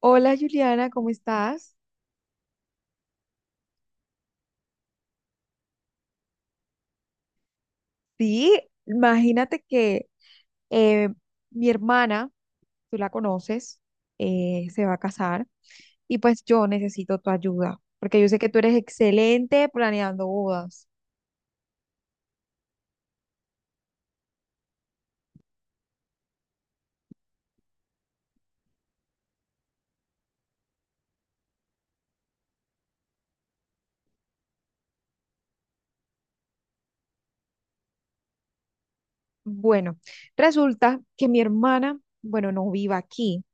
Hola Juliana, ¿cómo estás? Sí, imagínate que eh, mi hermana, tú la conoces, se va a casar y pues yo necesito tu ayuda, porque yo sé que tú eres excelente planeando bodas. Bueno, resulta que mi hermana, bueno, no vive aquí,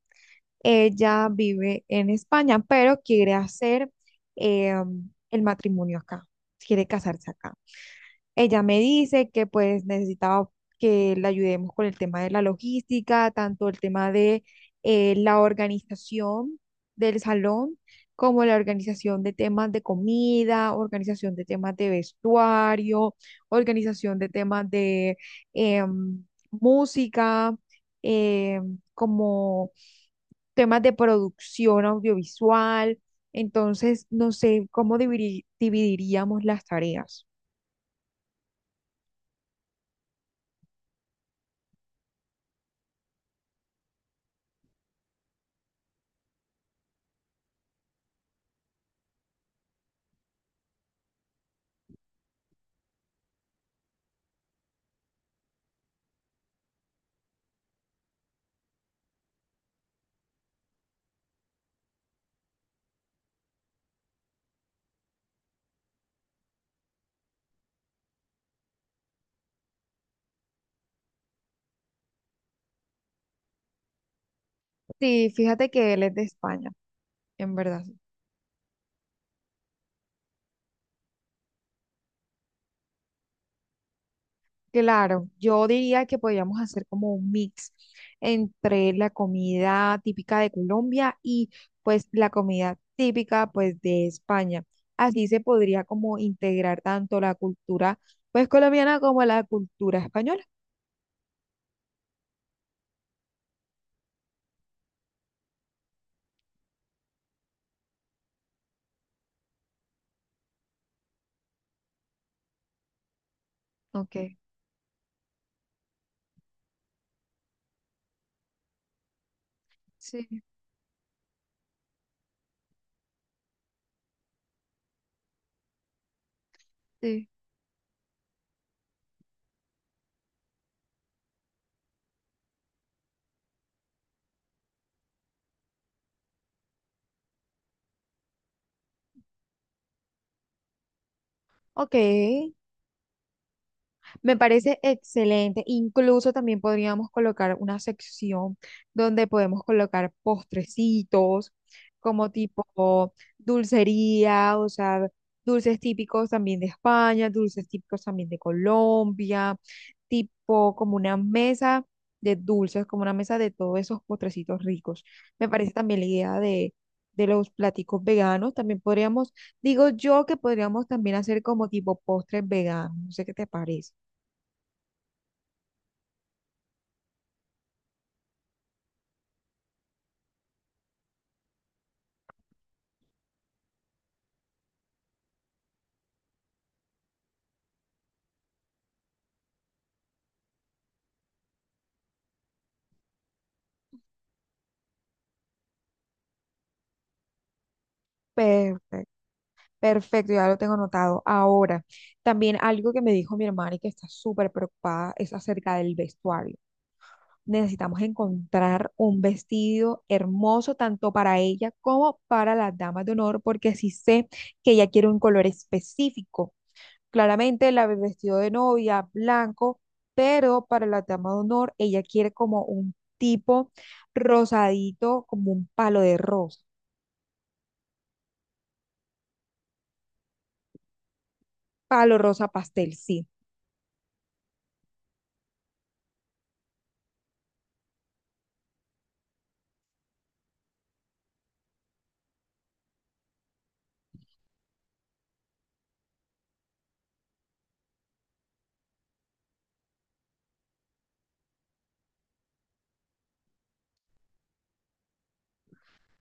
ella vive en España, pero quiere hacer eh, el matrimonio acá, quiere casarse acá. Ella me dice que pues necesitaba que la ayudemos con el tema de la logística, tanto el tema de la organización del salón, como la organización de temas de comida, organización de temas de vestuario, organización de temas de em, música, como temas de producción audiovisual. Entonces, no sé cómo dividiríamos las tareas. Sí, fíjate que él es de España, en verdad. Claro, yo diría que podríamos hacer como un mix entre la comida típica de Colombia y pues la comida típica pues de España. Así se podría como integrar tanto la cultura pues colombiana como la cultura española. Ok, sí, sí. Ok, me parece excelente. Incluso también podríamos colocar una sección donde podemos colocar postrecitos, como tipo dulcería, o sea, dulces típicos también de España, dulces típicos también de Colombia, tipo como una mesa de dulces, como una mesa de todos esos postrecitos ricos. Me parece también la idea de los platicos veganos. También podríamos, digo yo que podríamos también hacer como tipo postres veganos, no sé qué te parece. Perfecto, perfecto, ya lo tengo anotado. Ahora, también algo que me dijo mi hermana y que está súper preocupada es acerca del vestuario. Necesitamos encontrar un vestido hermoso tanto para ella como para las damas de honor, porque sí sé que ella quiere un color específico. Claramente, la el vestido de novia, blanco, pero para la dama de honor, ella quiere como un tipo rosadito, como un palo de rosa, palo rosa pastel, sí.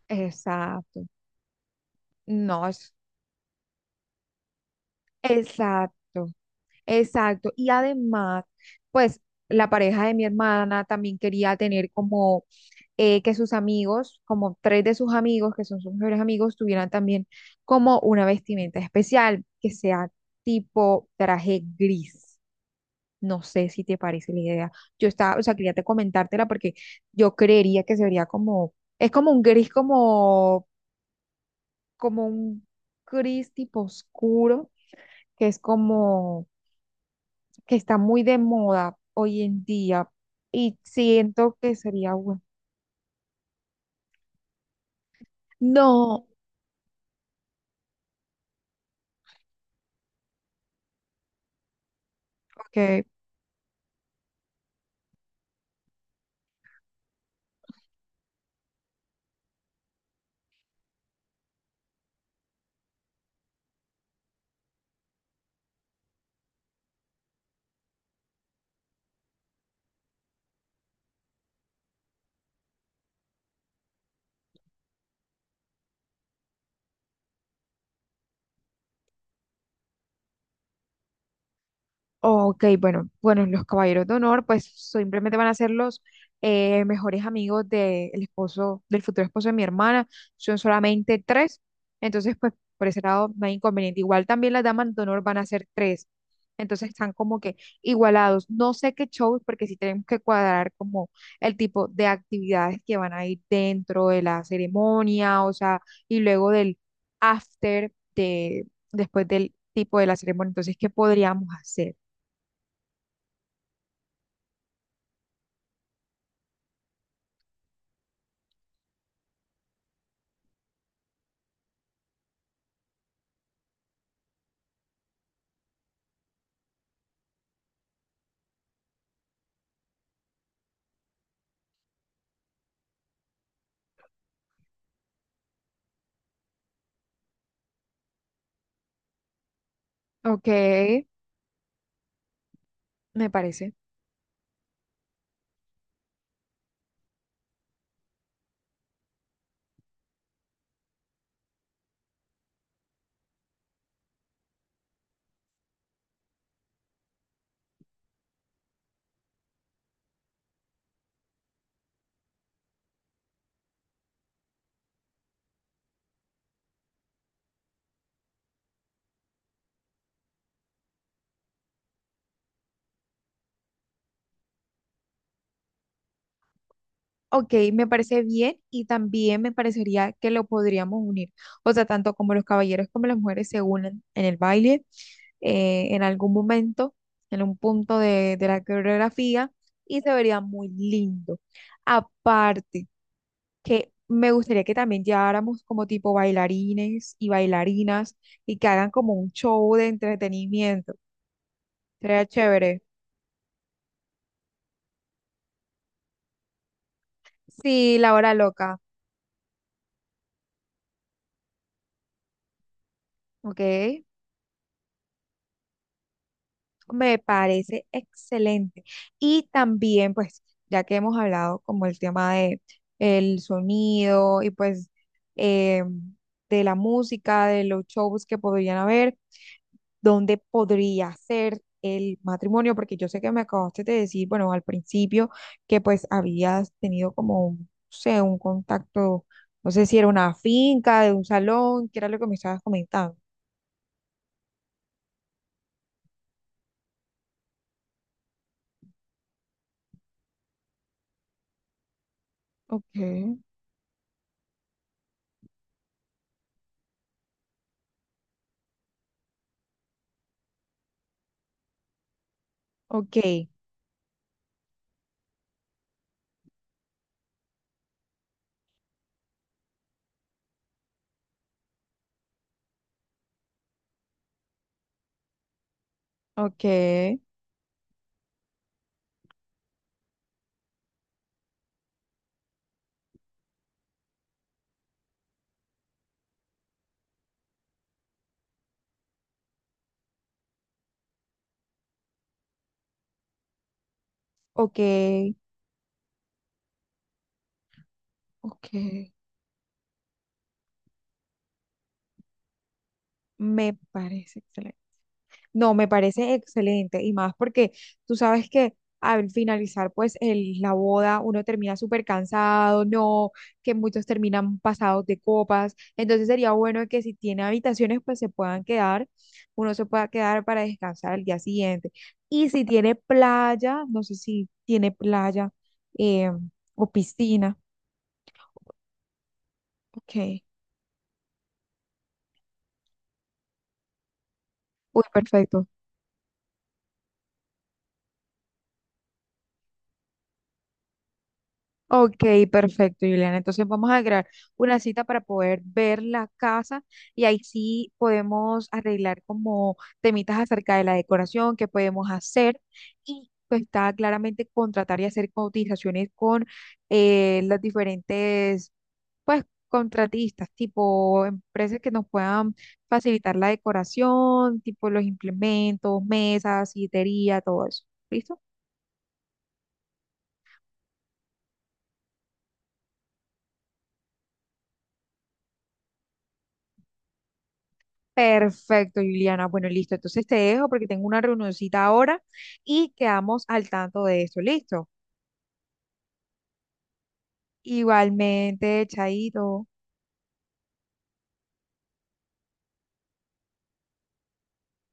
Exacto. No, es exacto, exacto. Y además, pues la pareja de mi hermana también quería tener como que sus amigos, como tres de sus amigos, que son sus mejores amigos, tuvieran también como una vestimenta especial, que sea tipo traje gris. No sé si te parece la idea. Yo estaba, o sea, quería te comentártela porque yo creería que se vería como, es como un gris, como, como un gris tipo oscuro que es como que está muy de moda hoy en día y siento que sería bueno. No, ok. Ok, bueno, bueno, los caballeros de honor, pues simplemente van a ser los mejores amigos del esposo, del futuro esposo de mi hermana. Son solamente tres, entonces, pues por ese lado no hay inconveniente. Igual también las damas de honor van a ser tres, entonces están como que igualados. No sé qué shows, porque sí tenemos que cuadrar como el tipo de actividades que van a ir dentro de la ceremonia, o sea, y luego del after de después del tipo de la ceremonia. Entonces, ¿qué podríamos hacer? Ok, me parece. Ok, me parece bien y también me parecería que lo podríamos unir. O sea, tanto como los caballeros como las mujeres se unen en el baile en algún momento, en un punto de la coreografía y se vería muy lindo. Aparte, que me gustaría que también lleváramos como tipo bailarines y bailarinas y que hagan como un show de entretenimiento. Sería chévere. Sí, la hora loca. Ok. Me parece excelente. Y también, pues, ya que hemos hablado como el tema de el sonido y pues eh, de la música, de los shows que podrían haber, ¿dónde podría ser el matrimonio? Porque yo sé que me acabaste de decir, bueno, al principio que pues habías tenido como, no sé, un contacto, no sé si era una finca, de un salón, que era lo que me estabas comentando. Ok, ok, ok. Ok, ok, me parece excelente. No, me parece excelente y más porque tú sabes que al finalizar pues la boda uno termina súper cansado, no, que muchos terminan pasados de copas, entonces sería bueno que si tiene habitaciones pues se puedan quedar, uno se pueda quedar para descansar el día siguiente. Y si tiene playa, no sé si tiene playa eh, o piscina, ok, uy, perfecto. Ok, perfecto, Juliana. Entonces vamos a crear una cita para poder ver la casa y ahí sí podemos arreglar como temitas acerca de la decoración, qué podemos hacer y pues está claramente contratar y hacer cotizaciones con las diferentes pues contratistas, tipo empresas que nos puedan facilitar la decoración, tipo los implementos, mesas, sillería, todo eso. ¿Listo? Perfecto, Juliana. Bueno, listo. Entonces te dejo porque tengo una reunioncita ahora y quedamos al tanto de esto. Listo. Igualmente, Chaito.